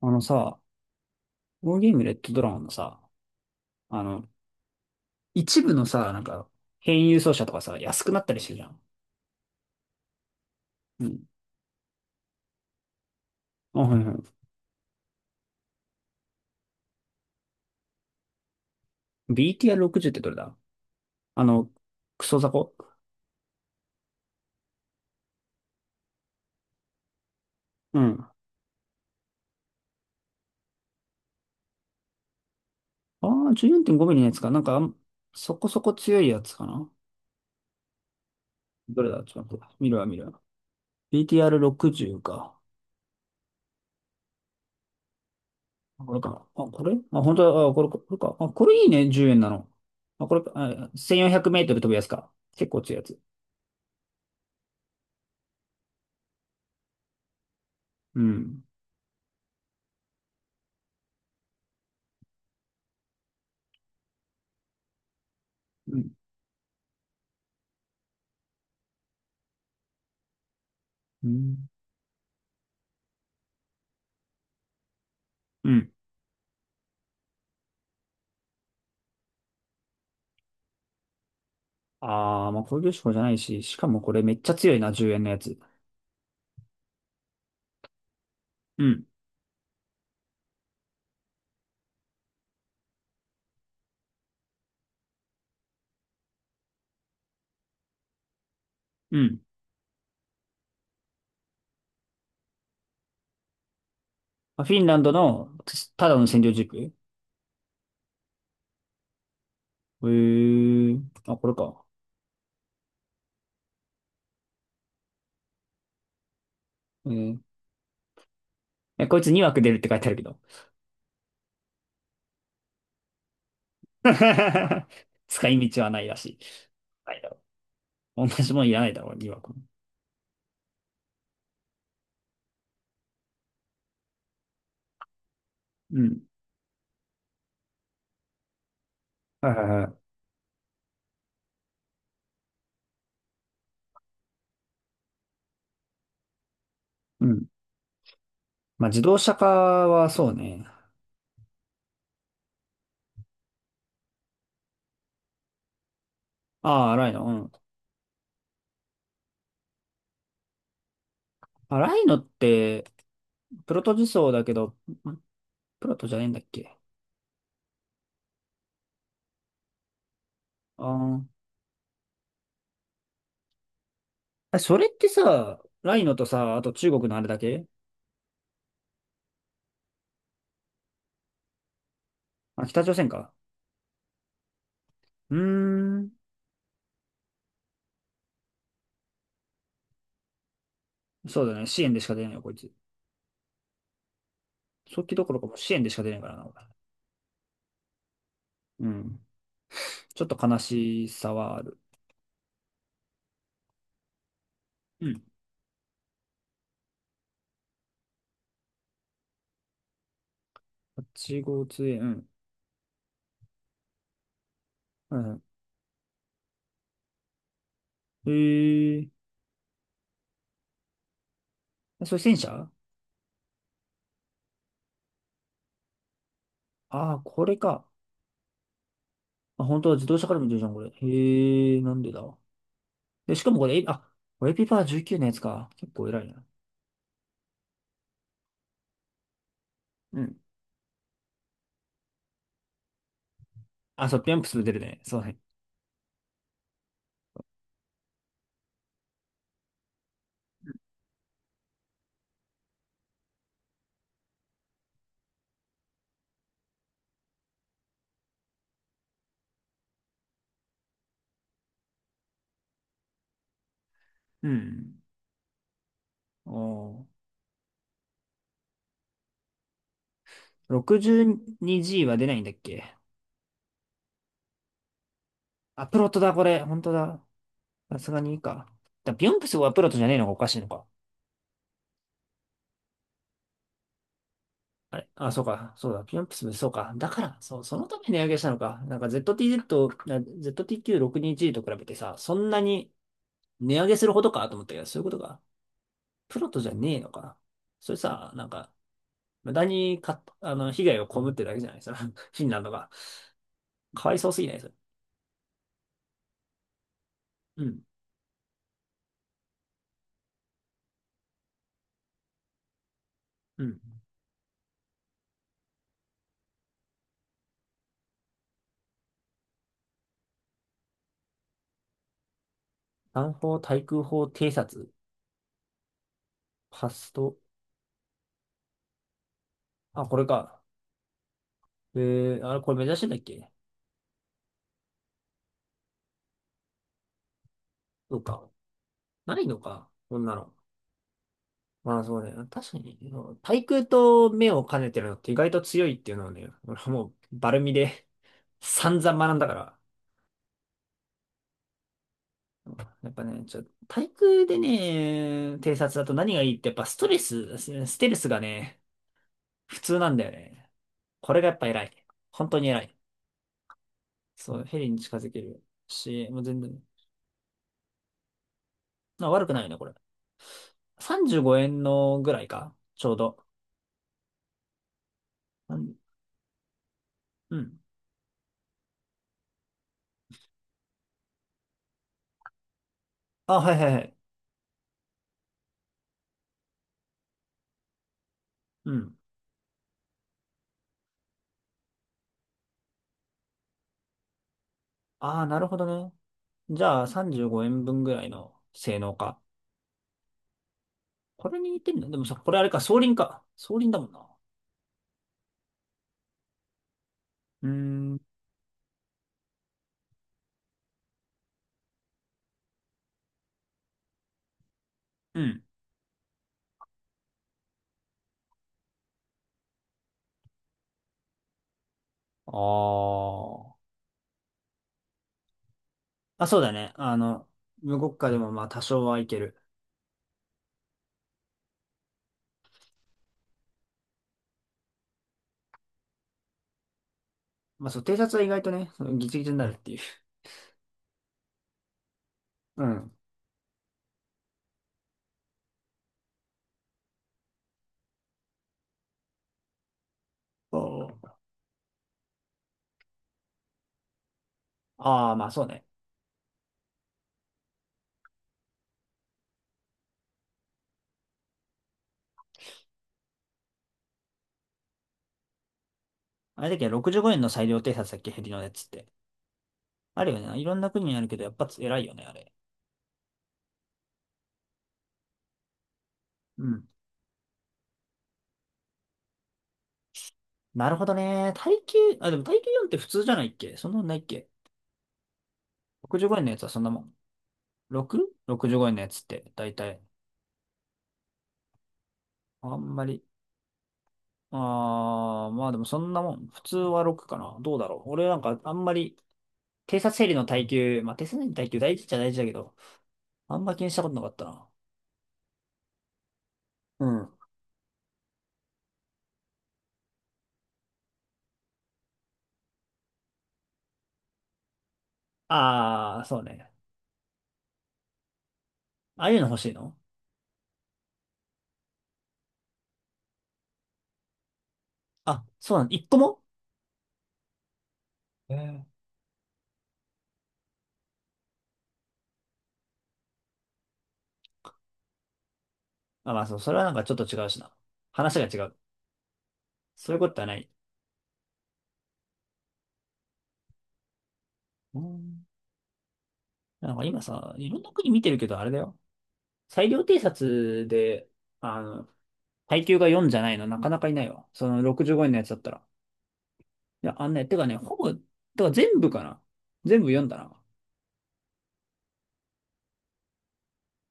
あのさ、このゲームレッドドラゴンのさ、あの、一部のさ、なんか、変輸送車とかさ、安くなったりしてるじゃん。うん。あ、はいはい。BTR60 ってどれだ？あの、クソザコ。うん。ああ、14.5ミリのやつか。なんか、そこそこ強いやつかな。どれだ？ちょっと待って。見るわ、見るわ。BTR60 か。あ、これか。あ、これ、あ、本当だ。あ、これ、これか。あ、これいいね。10円なの。あ、これ、あ、1400メートル飛ぶやつか。結構強いやつ。うん。うん。うん。うん。ああ、まあ工業志向じゃないし、しかもこれめっちゃ強いな、10円のやつ。うん。うん。まあ、フィンランドのただの占領軸へ。え。あ、これか。えー、え、こいつ2枠出るって書いてあるけど。使い道はないらしい。ないだろう。同じもんいらないだろう、2枠も。うん。はいはいはい。うん。まあ、自動車化はそうね。ああ、ライノ。うん。あ、ライノって、プロト自走だけど、んプロトじゃねえんだっけ？あ、あ、あ、それってさ、ライノとさ、あと中国のあれだけ。あ、北朝鮮か。うーん。そうだね。支援でしか出ないよ、こいつ。早期どころかもう支援でしか出ないからな、俺。うん。ちょっと悲しさはある。うん。8号杖、うん。うん。へえ。あ、それ戦車？ああー、これか。あ、本当は自動車から見てるじゃん、これ。へえ、なんでだ。で、しかもこれ、え、あ、これエピパー19のやつか。結構偉いな。うん。あ、そう、ピャンプス出るね。そうね。うん。おー。 62G は出ないんだっけ？あ、プロトだ、これ。本当だ。さすがにいいか。ビヨンプスはプロトじゃねえのがおかしいのか。あれ、あ、そうか。そうだ。ビヨンプス、そうか。だから、そう、そのために値上げしたのか。なんか ZTZ と、ZTQ62G と比べてさ、そんなに値上げするほどかと思ったけど、そういうことか。プロトじゃねえのか。それさ、なんか、無駄にか、被害を被ってるだけじゃないですか。そのフィンランドが。かわいそうすぎない？それ。うん。うん。南方対空砲偵察、パスト、あ、これか。えあれ、これ目指してたっけ？そうか。ないのか。こんなの。まあそうね。確かに、対空と目を兼ねてるのって意外と強いっていうのはね、俺はもうバルミで 散々学んだから。やっぱね、対空でね、偵察だと何がいいってやっぱスステルスがね、普通なんだよね。これがやっぱ偉い。本当に偉い。そう、ヘリに近づけるし、もう全然、まあ悪くないよね、これ。35円のぐらいか、ちょうど。うん。うん。あ、はいはいはい。うん。ああ、なるほどね。じゃあ、35円分ぐらいの性能か。これに似てんのでもさ、これあれか、双輪か。双輪だもんな。うーん。うん。ああ。あ、そうだね。無国家でもまあ多少はいける。まあそう、偵察は意外とね、そのギチギチになるっていう。うん。そう。ああー、まあそうね。あれだっけ、65円の裁量偵察だっけ、ヘリのやつって。あるよね。いろんな国にあるけど、やっぱ偉いよね、あれ。うん。なるほどね。耐久、あ、でも耐久4って普通じゃないっけ？そんなんないっけ？ 65 円のやつはそんなもん？6?65 円のやつって、だいたい？あんまり。まあでもそんなもん。普通は6かな。どうだろう。俺なんかあんまり、偵察整理の耐久、まあ偵察整理の耐久大事っちゃ大事だけど、あんま気にしたことなかったな。うん。そうね。ああいうの欲しいの？あ、そうなの。一個も。えー、あ、まあそう、それはなんかちょっと違うしな。話が違う。そういうことはない。うん。なんか今さ、いろんな国見てるけど、あれだよ。裁量偵察で、あの、耐久が4じゃないの、なかなかいないわ。その65円のやつだったら。いや、あんね、てかね、ほぼ、てか全部かな。全部読んだな。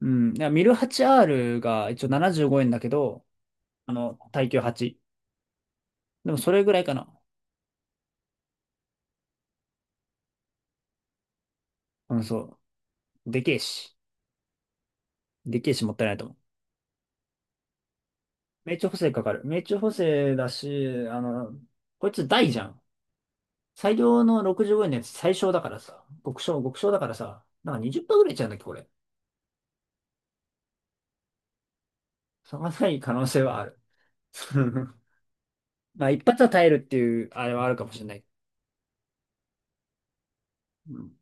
うん。いや、ミル 8R が一応75円だけど、耐久8。でもそれぐらいかな。うん、そう。でけえし。でけえし、もったいないと思う。命中補正かかる。命中補正だし、こいつ大じゃん。最良の65円のやつ最小だからさ。極小、極小だからさ。なんか20%ぐらいいっちゃうんだっけ、これ。その際に可能性はある。まあ、一発は耐えるっていう、あれはあるかもしれない。うん。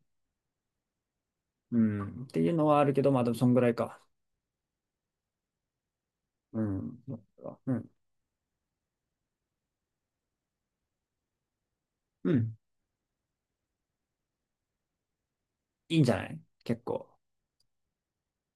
うんっていうのはあるけど、まあ、でもそんぐらいか。うん。うん。うん。いいんじゃない？結構。